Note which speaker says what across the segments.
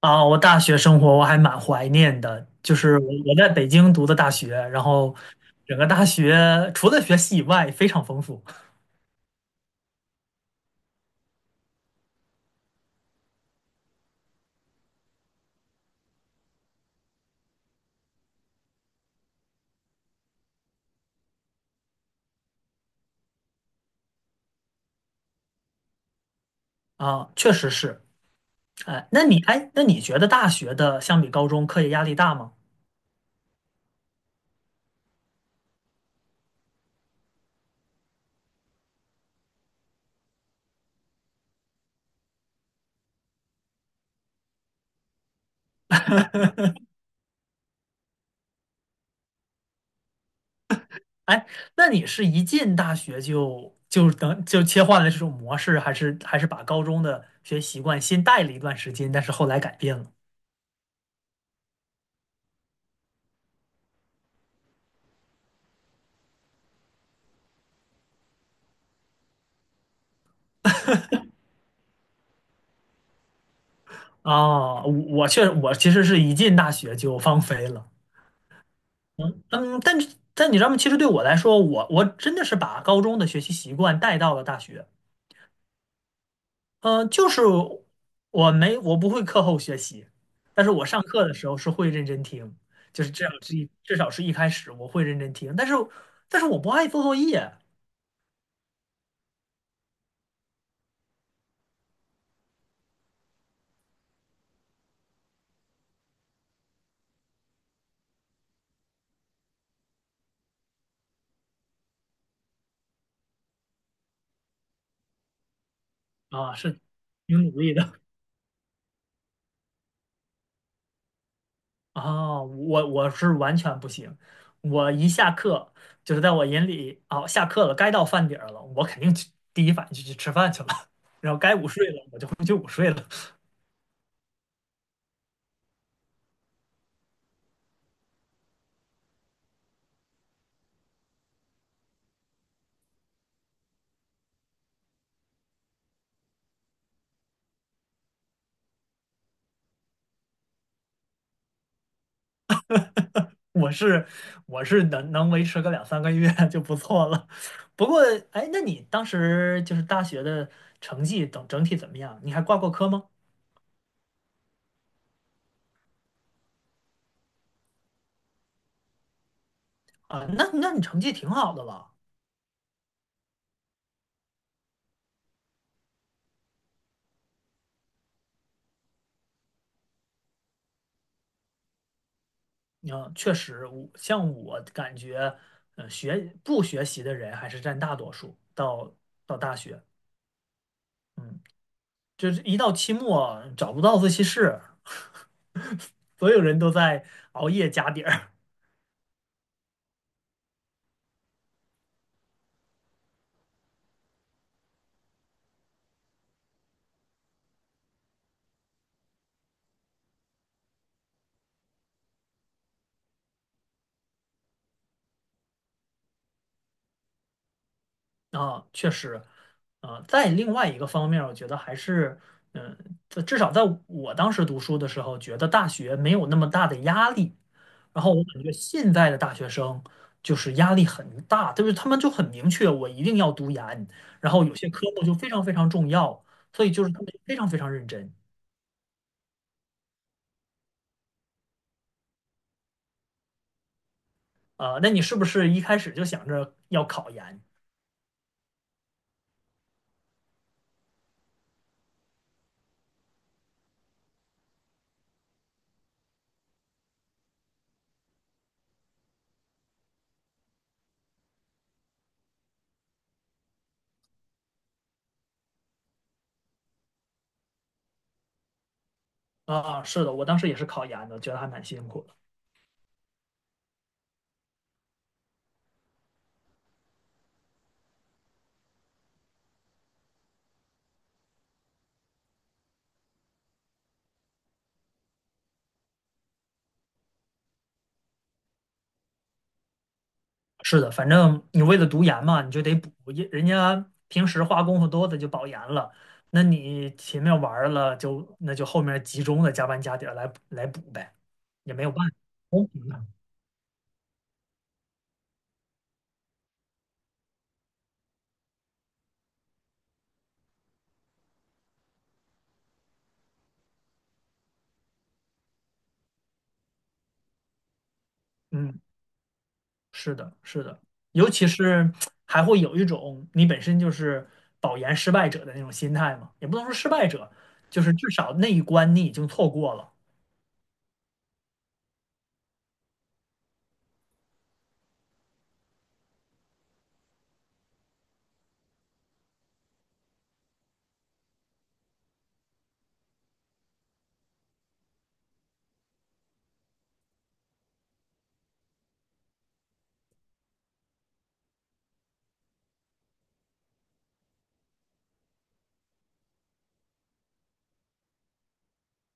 Speaker 1: 啊，我大学生活还蛮怀念的，就是我在北京读的大学，然后整个大学除了学习以外非常丰富。啊，确实是。哎，那你觉得大学的相比高中课业压力大吗？哎，那你是一进大学就切换了这种模式，还是把高中的学习习惯先带了一段时间，但是后来改变了？啊，我其实是一进大学就放飞了。嗯，但是但你知道吗？其实对我来说，我真的是把高中的学习习惯带到了大学。嗯，就是我不会课后学习，但是我上课的时候是会认真听，就是至少是一开始我会认真听，但是我不爱做作业。啊，是挺努力的。 啊，我是完全不行，我一下课，就是在我眼里啊，下课了该到饭点儿了，我肯定去，第一反应就去吃饭去了，然后该午睡了我就回去午睡了。我是我是能维持个两三个月 就不错了。不过，哎，那你当时就是大学的成绩等整体怎么样？你还挂过科吗？啊，那你成绩挺好的了。嗯，确实，我感觉，呃，学不学习的人还是占大多数。到到大学，嗯，就是一到期末找不到自习室，所有人都在熬夜加点儿。啊，确实，啊，在另外一个方面儿我觉得还是，嗯，至少在我当时读书的时候，觉得大学没有那么大的压力。然后我感觉现在的大学生就是压力很大，就是他们就很明确，我一定要读研，然后有些科目就非常非常重要，所以就是他们非常非常认真。啊，那你是不是一开始就想着要考研？啊，是的，我当时也是考研的，觉得还蛮辛苦的。是的，反正你为了读研嘛，你就得补，也人家平时花功夫多的就保研了，那你前面玩儿了就那就后面集中的加班加点儿来补呗，也没有办法，公平的。嗯，是的，是的，尤其是还会有一种你本身就是保研失败者的那种心态嘛，也不能说失败者，就是至少那一关你已经错过了。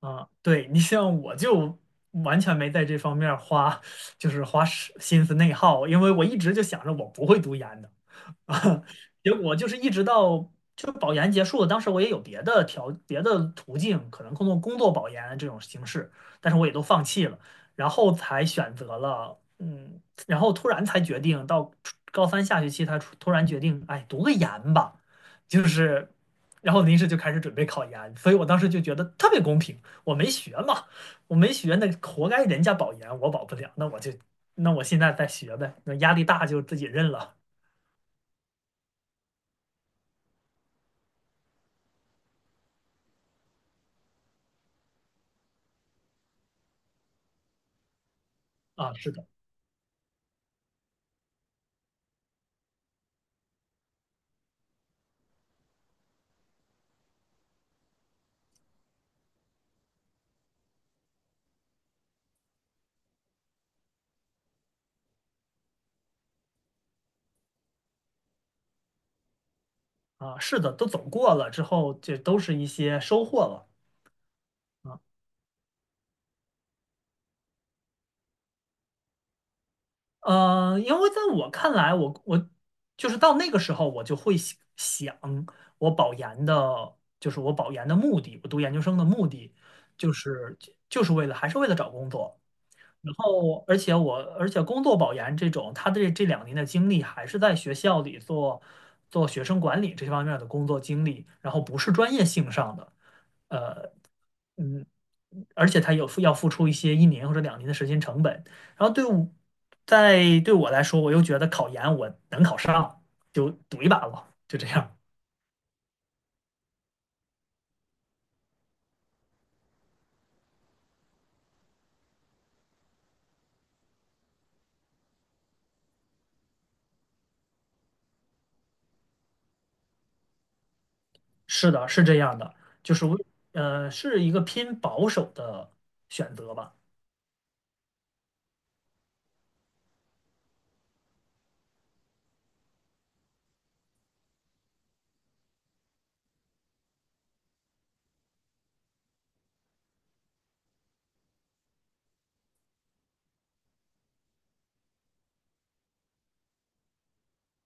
Speaker 1: 啊，对，你像我就完全没在这方面儿花，就是花时心思内耗，因为我一直就想着我不会读研的。啊，结果就是一直到就保研结束了，当时我也有别的途径，可能通过工作保研这种形式，但是我也都放弃了，然后才选择了嗯，然后突然才决定到初高三下学期，他突然决定，哎，读个研吧，就是。然后临时就开始准备考研，所以我当时就觉得特别公平。我没学嘛，我没学，那活该人家保研，我保不了。那我就，那我现在再学呗。那压力大就自己认了。啊。是的。啊，是的，都走过了之后，这都是一些收获了。呃，因为在我看来，我就是到那个时候，我就会想我保研的，就是我保研的目的，我读研究生的目的，就是就是为了还是为了找工作。然后，而且工作保研这种，他的这两年的经历还是在学校里做学生管理这方面的工作经历，然后不是专业性上的。呃，嗯，而且他要付出一些一年或者两年的时间成本。然后在对我来说，我又觉得考研我能考上，就赌一把吧，就这样。是的，是这样的，就是为呃是一个偏保守的选择吧。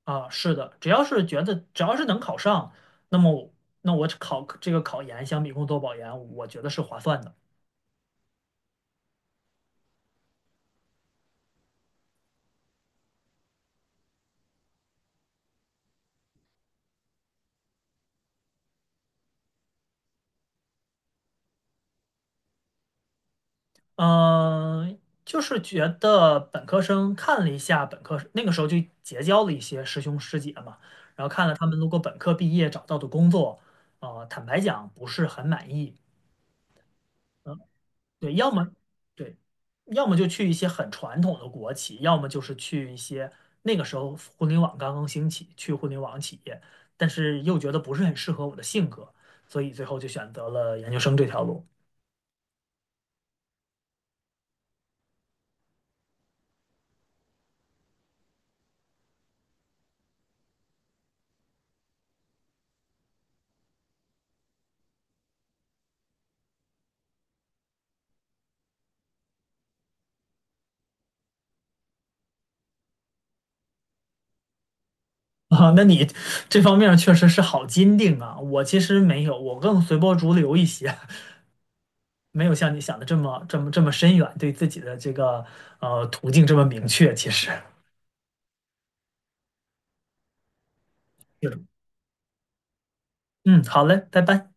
Speaker 1: 啊，是的，只要是觉得只要是能考上，那么我那我考这个考研相比工作保研，我觉得是划算的。嗯，就是觉得本科生看了一下本科，那个时候就结交了一些师兄师姐嘛，然后看了他们如果本科毕业找到的工作，呃，坦白讲不是很满意。对，对，要么就去一些很传统的国企，要么就是去一些那个时候互联网刚刚兴起，去互联网企业，但是又觉得不是很适合我的性格，所以最后就选择了研究生这条路。啊，那你这方面确实是好坚定啊！我其实没有，我更随波逐流一些，没有像你想的这么深远，对自己的这个呃途径这么明确。其实，嗯，好嘞，拜拜。